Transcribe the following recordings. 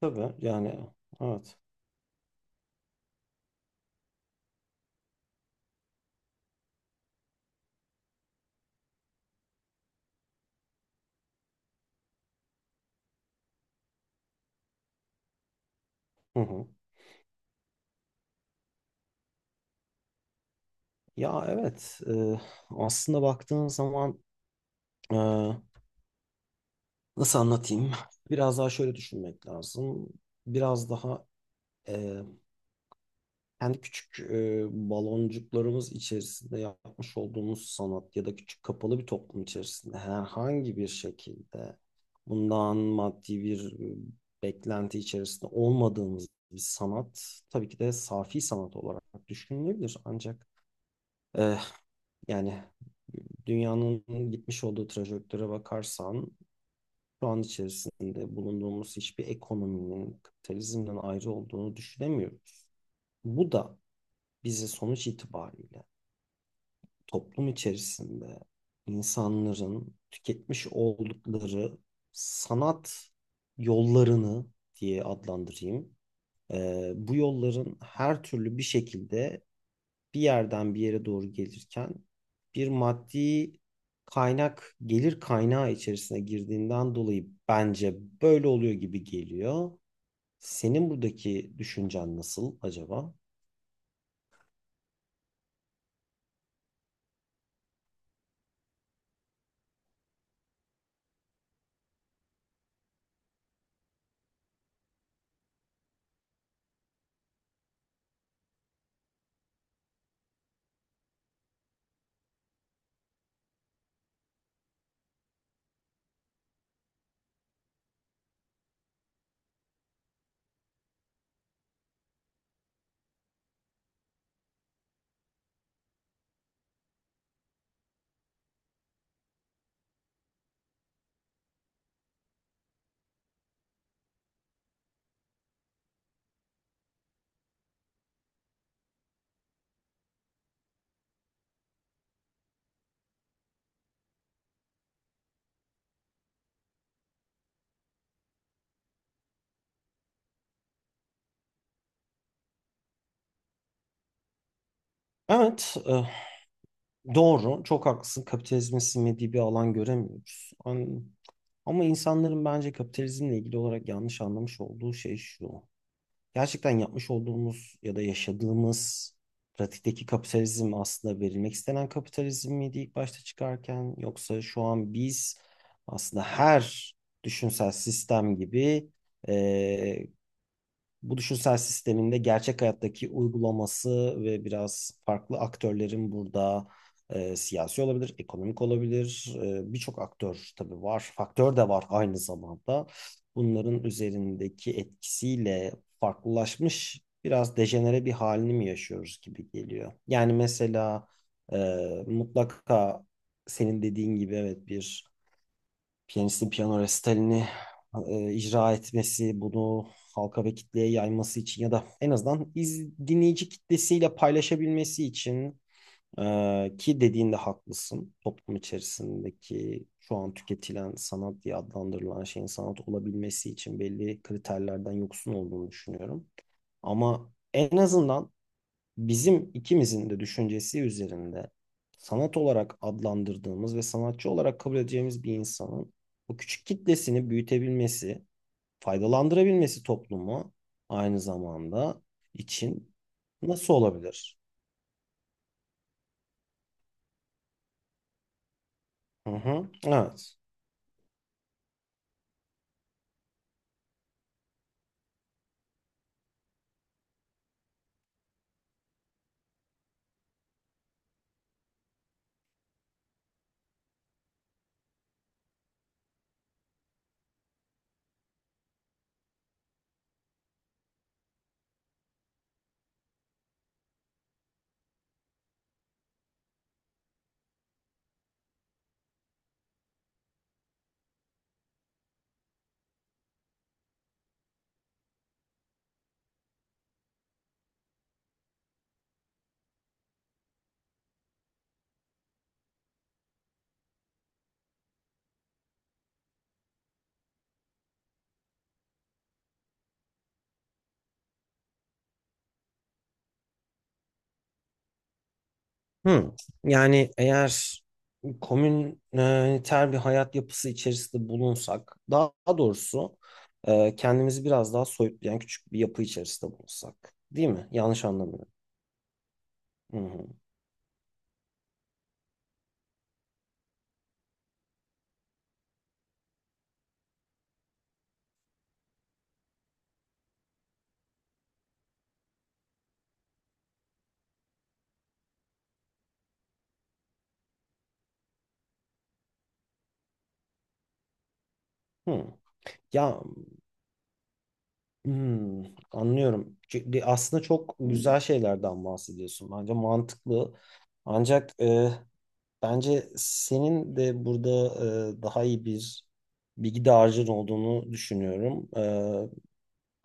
Tabii yani, evet. Hı hı. Ya evet e, aslında baktığın zaman, e, nasıl anlatayım? Biraz daha şöyle düşünmek lazım. Biraz daha e, kendi küçük baloncuklarımız içerisinde yapmış olduğumuz sanat ya da küçük kapalı bir toplum içerisinde herhangi bir şekilde bundan maddi bir beklenti içerisinde olmadığımız bir sanat tabii ki de safi sanat olarak düşünülebilir ancak, e, yani dünyanın gitmiş olduğu trajektöre bakarsan şu an içerisinde bulunduğumuz hiçbir ekonominin kapitalizmden ayrı olduğunu düşünemiyoruz. Bu da bize sonuç itibariyle toplum içerisinde insanların tüketmiş oldukları sanat yollarını diye adlandırayım. Bu yolların her türlü bir şekilde bir yerden bir yere doğru gelirken bir maddi kaynak, gelir kaynağı içerisine girdiğinden dolayı bence böyle oluyor gibi geliyor. Senin buradaki düşüncen nasıl acaba? Evet, doğru. Çok haklısın. Kapitalizmin sinmediği bir alan göremiyoruz. An- Ama insanların bence kapitalizmle ilgili olarak yanlış anlamış olduğu şey şu: gerçekten yapmış olduğumuz ya da yaşadığımız pratikteki kapitalizm aslında verilmek istenen kapitalizm miydi ilk başta çıkarken, yoksa şu an biz aslında her düşünsel sistem gibi e, bu düşünsel sisteminde gerçek hayattaki uygulaması ve biraz farklı aktörlerin burada, siyasi olabilir, ekonomik olabilir. Birçok aktör tabii var. Faktör de var aynı zamanda. Bunların üzerindeki etkisiyle farklılaşmış biraz dejenere bir halini mi yaşıyoruz gibi geliyor. Yani mesela e, mutlaka senin dediğin gibi evet bir piyanistin piyano resitalini icra etmesi, bunu halka ve kitleye yayması için ya da en azından iz, dinleyici kitlesiyle paylaşabilmesi için, ki dediğinde haklısın. Toplum içerisindeki şu an tüketilen sanat diye adlandırılan şeyin sanat olabilmesi için belli kriterlerden yoksun olduğunu düşünüyorum. Ama en azından bizim ikimizin de düşüncesi üzerinde sanat olarak adlandırdığımız ve sanatçı olarak kabul edeceğimiz bir insanın o küçük kitlesini büyütebilmesi, faydalandırabilmesi toplumu aynı zamanda için nasıl olabilir? Hı hı. Evet. Hı. Yani eğer komüniter bir hayat yapısı içerisinde bulunsak, daha doğrusu kendimizi biraz daha soyutlayan küçük bir yapı içerisinde bulunsak, değil mi? Yanlış anlamıyorum. Hı hı. Hı. Ya hmm, anlıyorum. Çünkü aslında çok güzel şeylerden bahsediyorsun. Bence mantıklı. Ancak bence senin de burada daha iyi bir bilgi dağarcığın olduğunu düşünüyorum.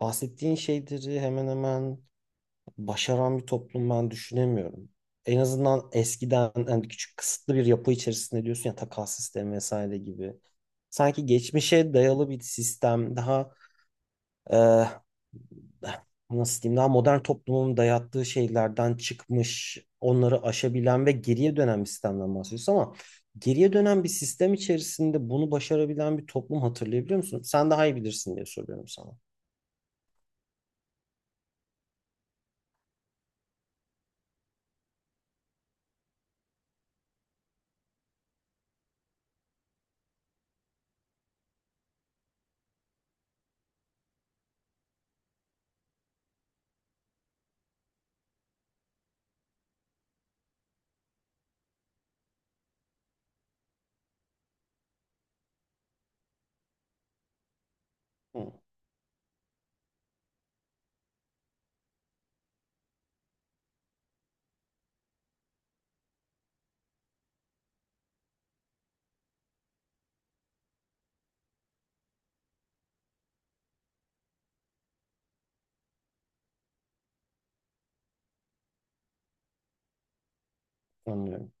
Bahsettiğin şeyleri hemen hemen başaran bir toplum ben düşünemiyorum. En azından eskiden hani küçük kısıtlı bir yapı içerisinde diyorsun ya, takas sistemi vesaire gibi. Sanki geçmişe dayalı bir sistem, daha nasıl diyeyim, daha modern toplumun dayattığı şeylerden çıkmış, onları aşabilen ve geriye dönen bir sistemden bahsediyoruz ama geriye dönen bir sistem içerisinde bunu başarabilen bir toplum hatırlayabiliyor musun? Sen daha iyi bilirsin diye soruyorum sana. Hı, anlıyorum.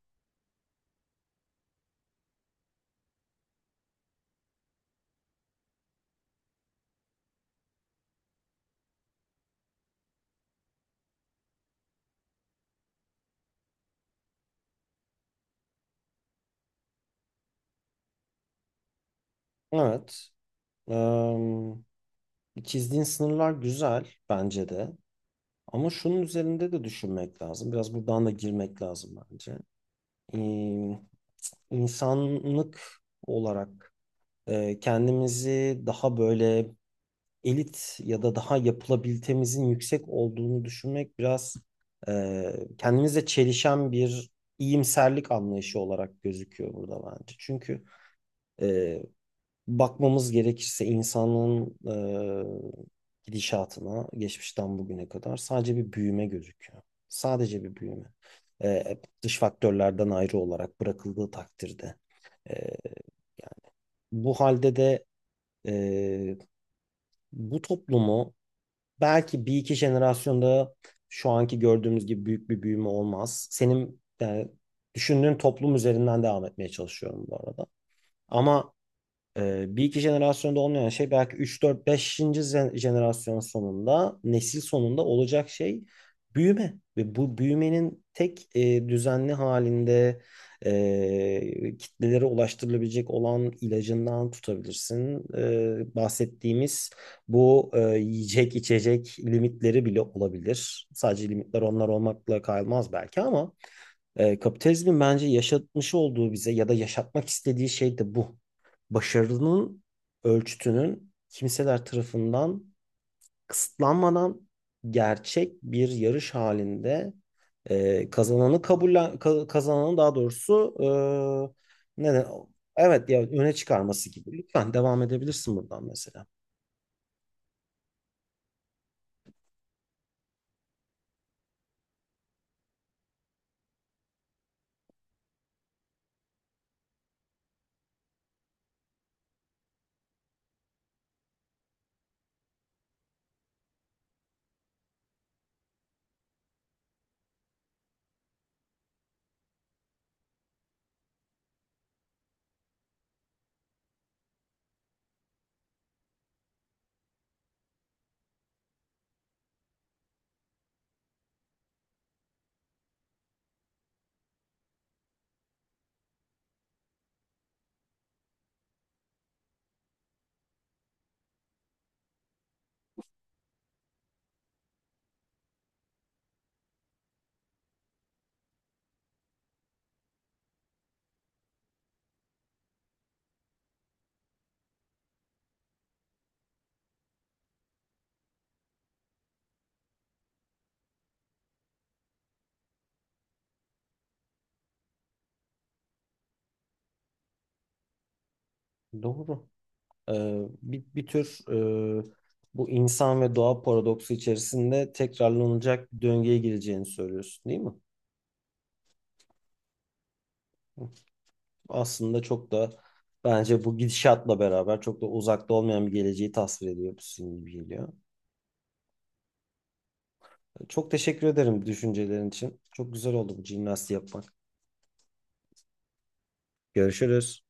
Evet. Eee, çizdiğin sınırlar güzel bence de. Ama şunun üzerinde de düşünmek lazım. Biraz buradan da girmek lazım bence. Eee insanlık olarak kendimizi daha böyle elit ya da daha yapılabilitemizin yüksek olduğunu düşünmek biraz kendimizle çelişen bir iyimserlik anlayışı olarak gözüküyor burada bence. Çünkü e, bakmamız gerekirse insanın gidişatına geçmişten bugüne kadar sadece bir büyüme gözüküyor. Sadece bir büyüme. Dış faktörlerden ayrı olarak bırakıldığı takdirde. E, Bu halde de e, bu toplumu belki bir iki jenerasyonda şu anki gördüğümüz gibi büyük bir büyüme olmaz. Senin yani düşündüğün toplum üzerinden devam etmeye çalışıyorum bu arada. Ama bir iki jenerasyonda olmayan şey belki 3, 4, 5. jenerasyon sonunda, nesil sonunda olacak şey büyüme. Ve bu büyümenin tek düzenli halinde kitlelere ulaştırılabilecek olan ilacından tutabilirsin. Bahsettiğimiz bu yiyecek içecek limitleri bile olabilir. Sadece limitler onlar olmakla kalmaz belki ama kapitalizmin bence yaşatmış olduğu bize ya da yaşatmak istediği şey de bu. Başarının ölçütünün kimseler tarafından kısıtlanmadan, gerçek bir yarış halinde, kazananı kabullen ka- kazananı daha doğrusu e, ne de- evet ya, öne çıkarması gibi. Lütfen devam edebilirsin buradan mesela. Doğru. e, Bir, bir tür e, bu insan ve doğa paradoksu içerisinde tekrarlanacak bir döngüye gireceğini söylüyorsun, değil mi? Aslında çok da, bence bu gidişatla beraber çok da uzakta olmayan bir geleceği tasvir ediyor bu sizin gibi geliyor. Çok teşekkür ederim düşüncelerin için. Çok güzel oldu bu jimnastiği yapmak. Görüşürüz.